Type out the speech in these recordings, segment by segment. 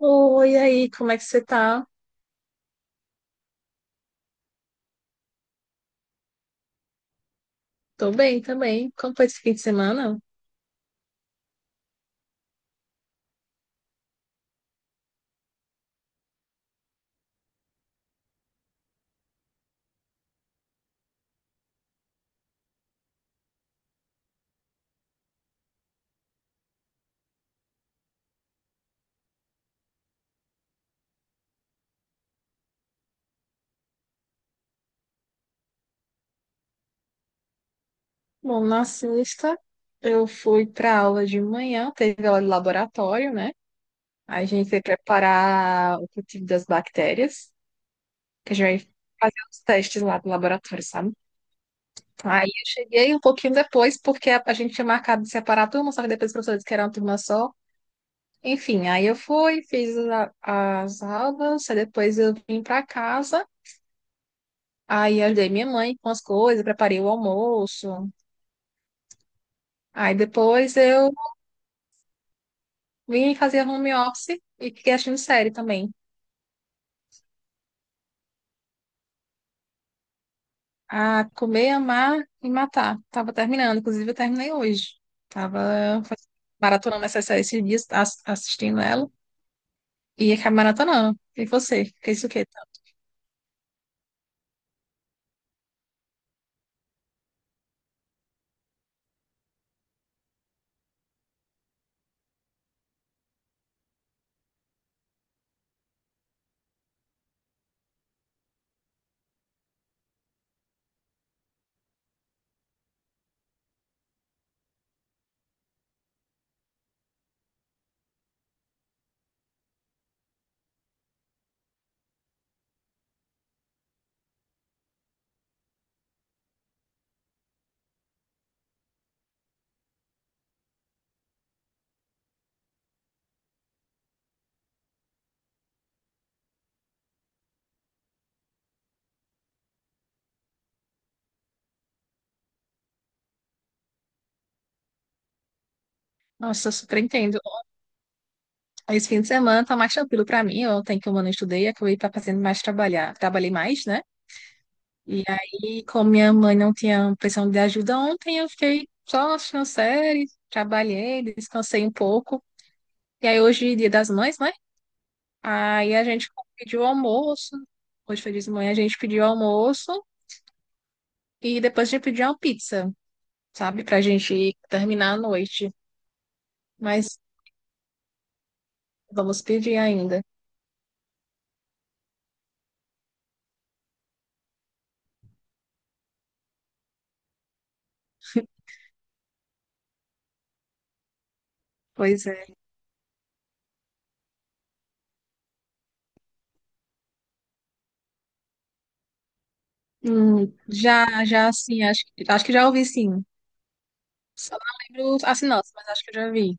Oi, e aí, como é que você tá? Tô bem também. Como foi esse fim de semana? Bom, na sexta eu fui pra aula de manhã, teve aula de laboratório, né? A gente foi preparar o cultivo das bactérias, que a gente vai fazer os testes lá do laboratório, sabe? Aí eu cheguei um pouquinho depois, porque a gente tinha marcado de separar a turma, só que depois os professores que era uma turma só. Enfim, aí eu fui, fiz as aulas, aí depois eu vim pra casa. Aí ajudei minha mãe com as coisas, preparei o almoço. Aí depois eu vim fazer home office e fiquei assistindo série também. A comer, amar e matar. Tava terminando, inclusive eu terminei hoje. Tava maratonando essa série esses dias, assistindo ela. E acabei maratonando. E você? Fez o quê? Nossa, eu super entendo. Esse fim de semana tá mais tranquilo pra mim. Ontem que eu não estudei, acabei tá fazendo mais trabalhar. Trabalhei mais, né? E aí, como minha mãe não tinha pressão de ajuda ontem, eu fiquei só assistindo série, trabalhei, descansei um pouco. E aí, hoje, é Dia das Mães, né? Aí a gente pediu almoço. Hoje foi dia de manhã, a gente pediu almoço e depois a gente pediu uma pizza, sabe? Pra gente terminar a noite. Mas vamos pedir ainda. Pois é. Já, já, assim, acho, acho que já ouvi, sim. Só não lembro as sinopse, mas acho que eu já vi.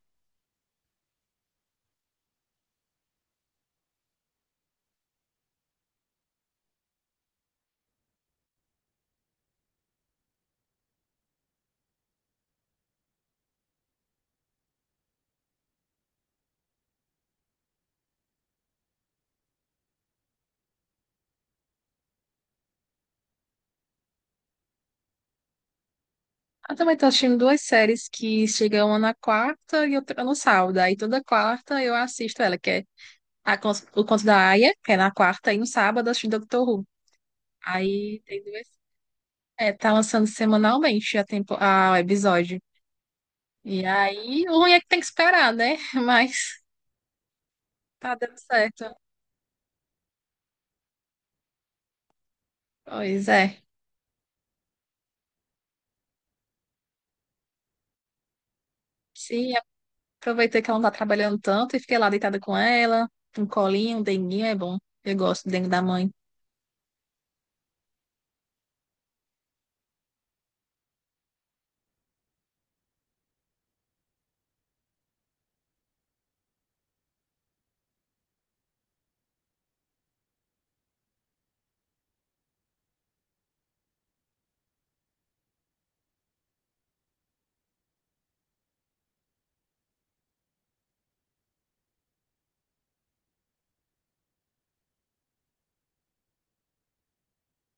Eu também tô assistindo duas séries que chegam uma na quarta e outra no sábado. Aí toda quarta eu assisto ela, que é O Conto da Aia, que é na quarta, e no sábado eu assisto Doctor Who. Aí tem duas. É, tá lançando semanalmente a tempo, o episódio. E aí, o ruim é que tem que esperar, né? Mas tá dando certo. Pois é. Sim, aproveitei que ela não tá trabalhando tanto e fiquei lá deitada com ela, um colinho, um denguinho, é bom. Eu gosto do dengue da mãe.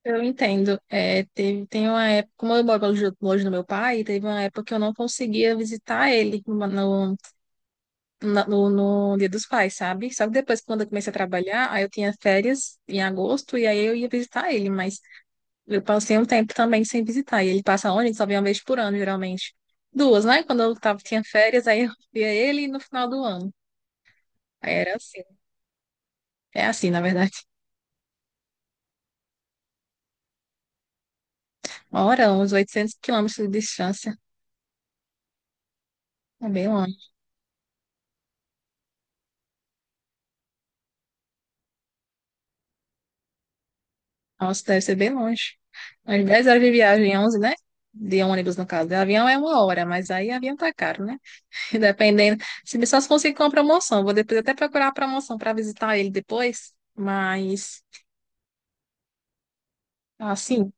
Eu entendo. É, tem uma época, como eu moro longe longe do meu pai, teve uma época que eu não conseguia visitar ele no Dia dos Pais, sabe? Só que depois, quando eu comecei a trabalhar, aí eu tinha férias em agosto e aí eu ia visitar ele, mas eu passei um tempo também sem visitar. E ele passa onde? Ele só vem uma vez por ano, geralmente. Duas, né? Quando eu tava, tinha férias, aí eu via ele no final do ano. Aí era assim. É assim, na verdade. Uma hora, uns 800 quilômetros de distância. É bem longe. Nossa, deve ser bem longe. Umas 10 horas de viagem, 11, né? De ônibus, no caso. De avião é uma hora, mas aí avião tá caro, né? Dependendo. Se só se conseguir com a promoção. Vou depois até procurar a promoção para visitar ele depois. Mas, assim,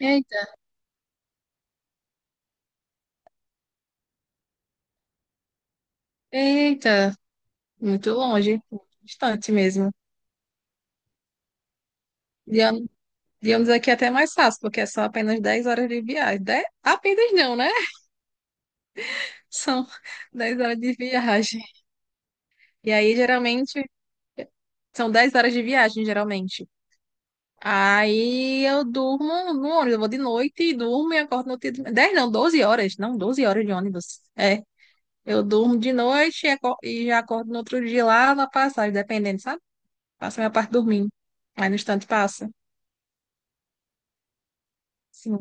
eita, eita, muito longe, distante mesmo. De ônibus de ônibus aqui é até mais fácil, porque é só apenas 10 horas de viagem. Apenas não, né? São 10 horas de viagem. E aí, geralmente, são 10 horas de viagem, geralmente. Aí eu durmo no ônibus, eu vou de noite e durmo e acordo no outro dia. Doze horas, não, 12 horas de ônibus. É, eu durmo de noite e e já acordo no outro dia lá na passagem, dependendo, sabe? Passo a minha parte dormindo. Aí no instante passa. Sim.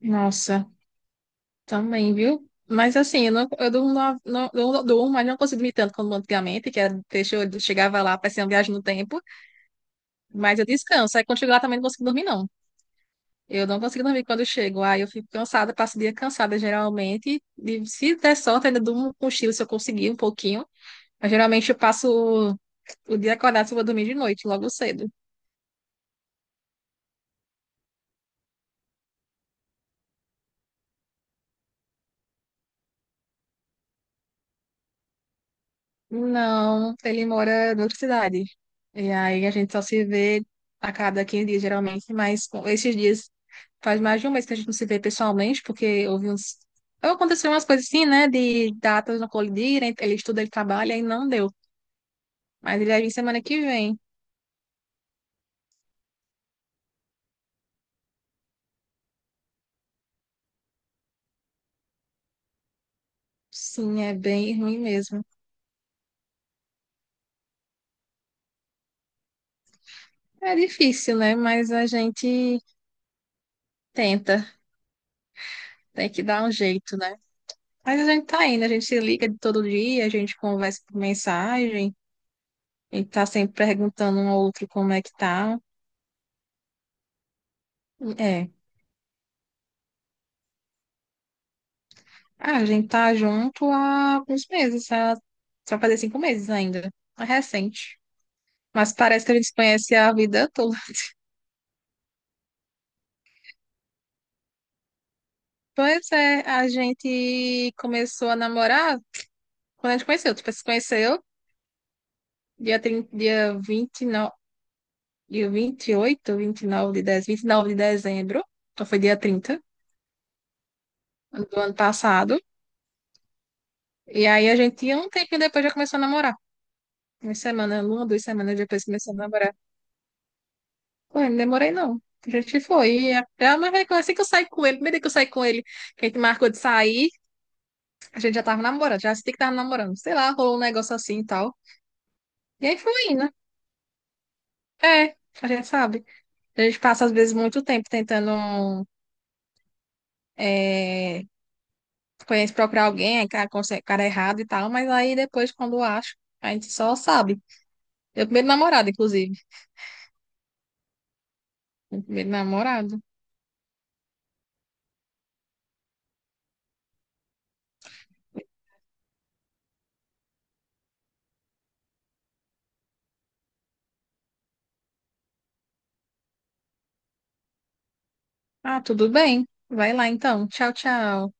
Nossa, também, viu? Mas assim, eu, não, eu durmo, não, eu não durmo, mas não consigo dormir tanto como antigamente, que era, deixa eu chegava lá, parecia uma viagem no tempo. Mas eu descanso, aí quando chego lá também não consigo dormir, não. Eu não consigo dormir quando eu chego. Aí eu fico cansada, passo o dia cansada geralmente. E se der sorte, ainda durmo com cochilo se eu conseguir um pouquinho. Mas geralmente eu passo o, o dia acordado se eu vou dormir de noite, logo cedo. Não, ele mora em outra cidade. E aí a gente só se vê a cada 15 dias, geralmente. Mas com esses dias faz mais de um mês que a gente não se vê pessoalmente, porque houve uns. Aconteceu umas coisas assim, né? De datas não colidirem, ele estuda, ele trabalha e não deu. Mas ele vai vir semana que vem. Sim, é bem ruim mesmo. É difícil, né? Mas a gente tenta, tem que dar um jeito, né? Mas a gente tá indo, a gente se liga de todo dia, a gente conversa por mensagem, a gente tá sempre perguntando um ao outro como é que tá. É. Ah, a gente tá junto há alguns meses, só fazer 5 meses ainda. É recente. Mas parece que a gente se conhece a vida toda. Pois é, a gente começou a namorar quando a gente conheceu. Tipo, se conheceu dia 30, dia 29, dia vinte e 29 de dezembro, 29 de dezembro, então foi dia 30 do ano passado. E aí a gente, um tempinho depois, já começou a namorar. Uma semana, uma, duas semanas depois começou a namorar. Pô, eu não demorei não. A gente foi. E até, ah, mas vai, assim que eu saí com ele, primeiro dia que eu saí com ele, que a gente marcou de sair, a gente já tava namorando, já senti que tava namorando. Sei lá, rolou um negócio assim e tal. E aí foi indo. É, a gente sabe. A gente passa, às vezes, muito tempo tentando. É, conhece procurar alguém, aí cara, cara é errado e tal, mas aí depois, quando acho, a gente só sabe. Meu primeiro namorado, inclusive. Meu primeiro namorado. Ah, tudo bem. Vai lá então. Tchau, tchau.